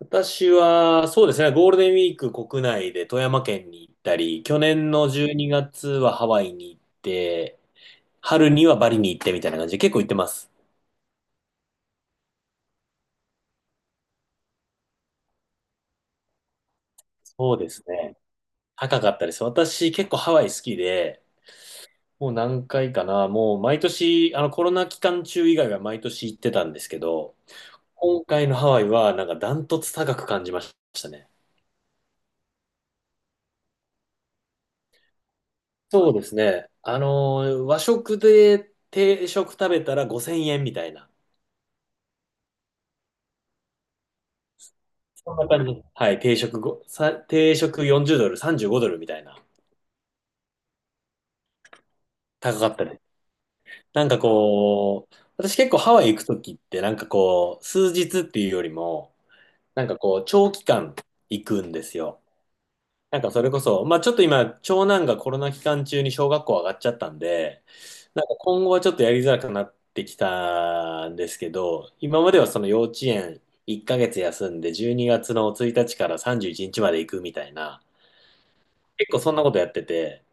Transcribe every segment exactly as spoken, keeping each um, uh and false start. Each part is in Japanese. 私は、そうですね、ゴールデンウィーク国内で富山県に行ったり、去年のじゅうにがつはハワイに行って、春にはバリに行ってみたいな感じで結構行ってます。そうですね。高かったです。私結構ハワイ好きで、もう何回かな、もう毎年、あのコロナ期間中以外は毎年行ってたんですけど、今回のハワイはなんかダントツ高く感じましたね。そうですね。あのー、和食で定食食べたらごせんえんみたいな。そんな感じ。はい、定食ご、さ、定食よんじゅうドル、さんじゅうごドルみたいな、高かったです。なんかこう、私結構ハワイ行くときって、なんかこう、数日っていうよりも、なんかこう、長期間行くんですよ。なんかそれこそ、まあちょっと今、長男がコロナ期間中に小学校上がっちゃったんで、なんか今後はちょっとやりづらくなってきたんですけど、今まではその幼稚園いっかげつ休んで、じゅうにがつのついたちからさんじゅういちにちまで行くみたいな、結構そんなことやってて、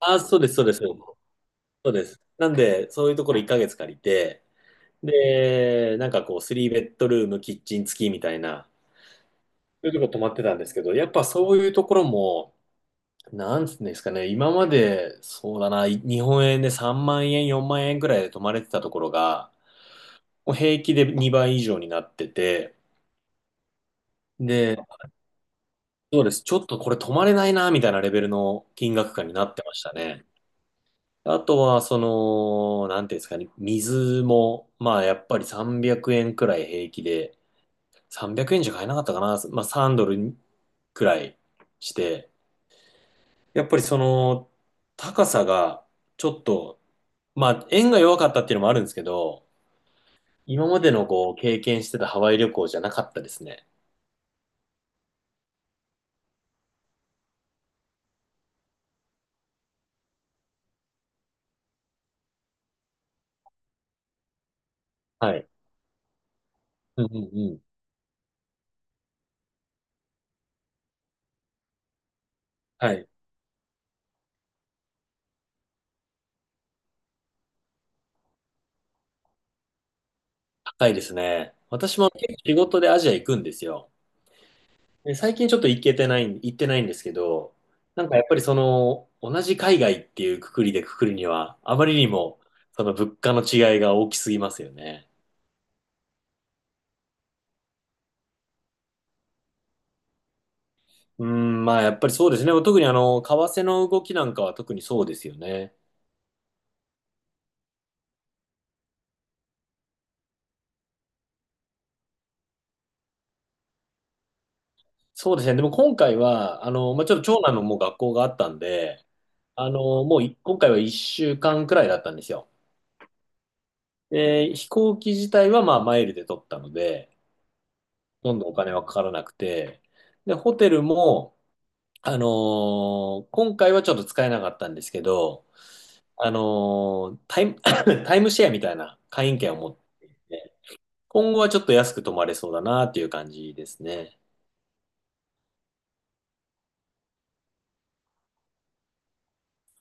ああ、そうです、そうです、そうです。なんで、そういうところいっかげつ借りて、で、なんかこう、スリーベッドルーム、キッチン付きみたいな、そういうとこ泊まってたんですけど、やっぱそういうところも、なんつうんですかね、今まで、そうだな、い日本円でさんまん円、よんまん円ぐらいで泊まれてたところが、もう平気でにばい以上になってて、で、そうです、ちょっとこれ泊まれないな、みたいなレベルの金額感になってましたね。あとは、その、なんていうんですかね、水も、まあ、やっぱりさんびゃくえんくえんくらい平気で、さんびゃくえんじゃ買えなかったかな、まあ、さんドルくらいして、やっぱりその、高さが、ちょっと、まあ、円が弱かったっていうのもあるんですけど、今までのこう、経験してたハワイ旅行じゃなかったですね。はい。うんうんうん。はい。高いですね。私も結構仕事でアジア行くんですよ。で最近ちょっと行けてない、行ってないんですけど、なんかやっぱりその、同じ海外っていうくくりでくくるには、あまりにも、その物価の違いが大きすぎますよね。うん、まあやっぱりそうですね。特にあの、為替の動きなんかは特にそうですよね。そうですね。でも今回は、あの、まあ、ちょっと長男のもう学校があったんで、あの、もうい今回はいっしゅうかんくらいだったんですよ。で、飛行機自体はまあマイルで取ったので、ほとんどお金はかからなくて、で、ホテルも、あのー今回はちょっと使えなかったんですけど、あのータイム、タイムシェアみたいな会員権を持って、今後はちょっと安く泊まれそうだなっていう感じですね。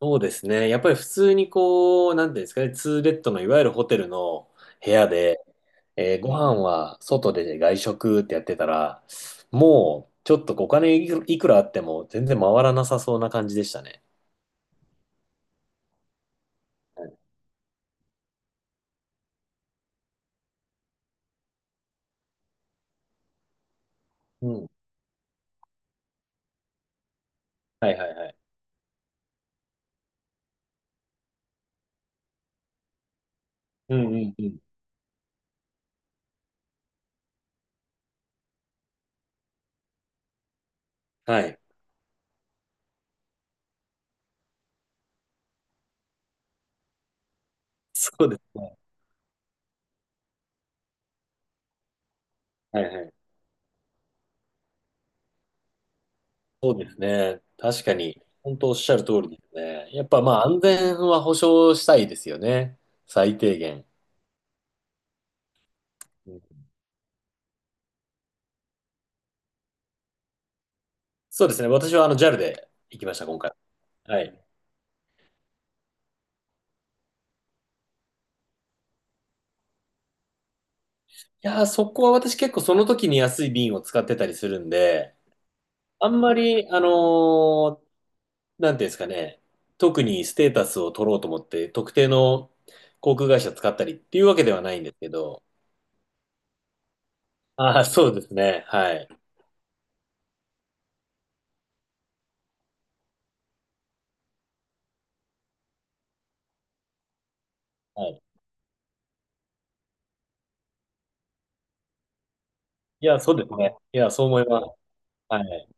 そうですね。やっぱり普通にこう、なんていうんですかね、ツーベッドのいわゆるホテルの部屋で、えーご飯は外で外食ってやってたら、もうちょっとお金いくいくらあっても全然回らなさそうな感じでしたね。はい、うん。はいはいはい。うんうんうん。はい。そうですね。はいはい。そうですね。確かに、本当おっしゃる通りですね。やっぱまあ安全は保証したいですよね。最低限。うん、そうですね。私はあの ジャル で行きました、今回。はい。いやー、そこは私結構その時に安い便を使ってたりするんで、あんまり、あのーなんていうんですかね、特にステータスを取ろうと思って、特定の航空会社使ったりっていうわけではないんですけど、ああ、そうですね。はい。はい。いや、そうですね。いや、そう思います。はい。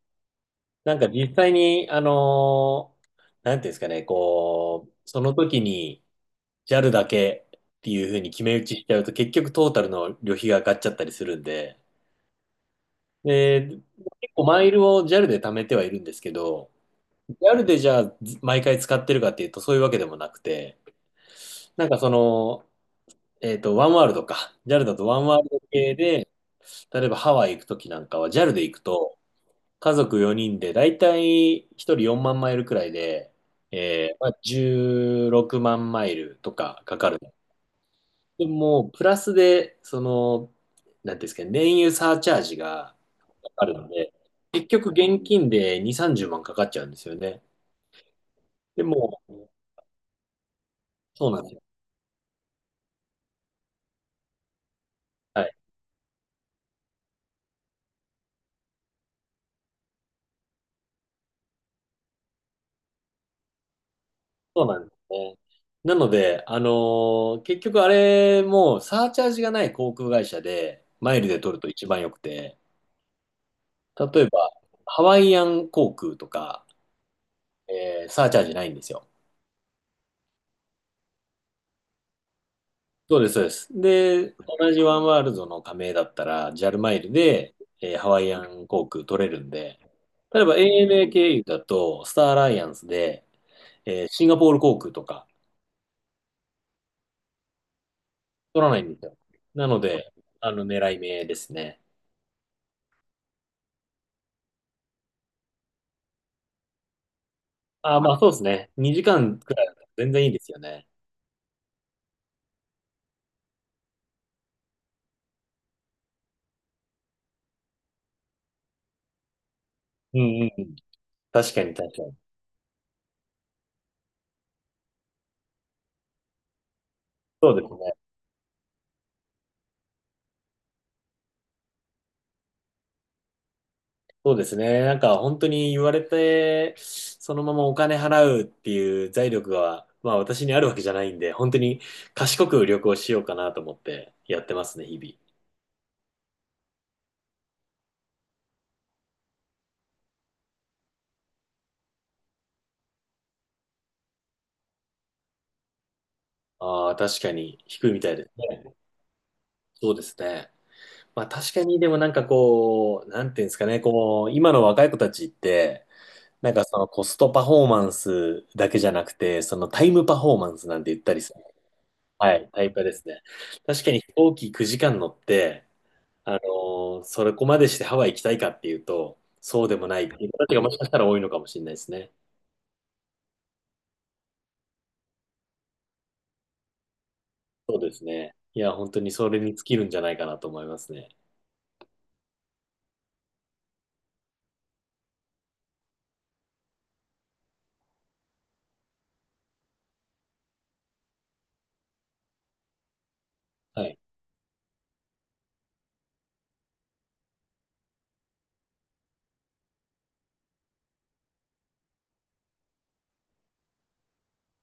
なんか実際に、あのーなんていうんですかね、こう、その時に ジャル だけっていうふうに決め打ちしちゃうと、結局トータルの旅費が上がっちゃったりするんで、で、結構マイルを ジャル で貯めてはいるんですけど、ジャル でじゃあず毎回使ってるかっていうと、そういうわけでもなくて、なんかその、えっと、ワンワールドか。ジャル だとワンワールド系で、例えばハワイ行く時なんかは ジャル で行くと、家族よにんで、だいたいひとりよんまんマイルくらいで、えーまあ、じゅうろくまんマイルとかかかる。でも、プラスで、その、なんていうんですかね、燃油サーチャージがかかるので、結局現金でに、さんじゅうまんかかっちゃうんですよね。でも、そうなんですよ。はい。そうなんですね。なので、あのー結局あれもサーチャージがない航空会社でマイルで取ると一番良くて、例えばハワイアン航空とか、えーサーチャージないんですよ。そうです、そうです。で、同じワンワールドの加盟だったら、ジャルマイルで、えーハワイアン航空取れるんで、例えば アナ 経由だと、スターアライアンスで、えーシンガポール航空とか取らないんですよ。なので、あの、狙い目ですね。あー、まあそうですね。にじかんくらいだったら全然いいですよね。うんうんうん。確かに確かに。そうですね。そうですね。なんか本当に言われて、そのままお金払うっていう財力が、まあ私にあるわけじゃないんで、本当に賢く旅行しようかなと思ってやってますね、日々。ああ、確かに低いみたいですね。そうですね。まあ確かにでもなんかこう、なんていうんですかね、こう、今の若い子たちって、なんかそのコストパフォーマンスだけじゃなくて、そのタイムパフォーマンスなんて言ったりする。はい、タイパですね。確かに飛行機くじかん乗って、あのーそれこまでしてハワイ行きたいかっていうと、そうでもないっていう人たちがもしかしたら多いのかもしれないですね。そうですね。いや、本当にそれに尽きるんじゃないかなと思いますね。はい。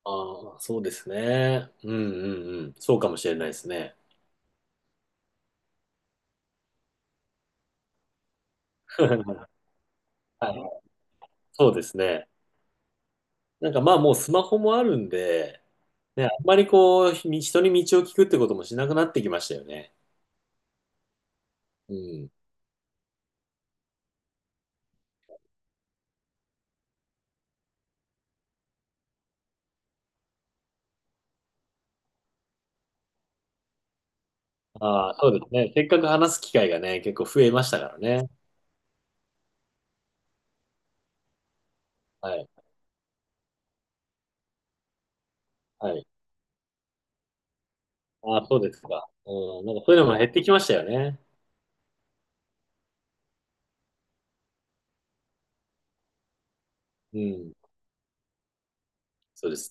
ああ、そうですね。うんうんうん。そうかもしれないですね。はい、そうですね。なんかまあもうスマホもあるんで、ね、あんまりこう、み人に道を聞くってこともしなくなってきましたよね。うん。ああ、そうですね。せっかく話す機会がね、結構増えましたからね。はい。はい。ああ、そうですか。うん、なんかそういうのも減ってきましたよね。うん、そうですね。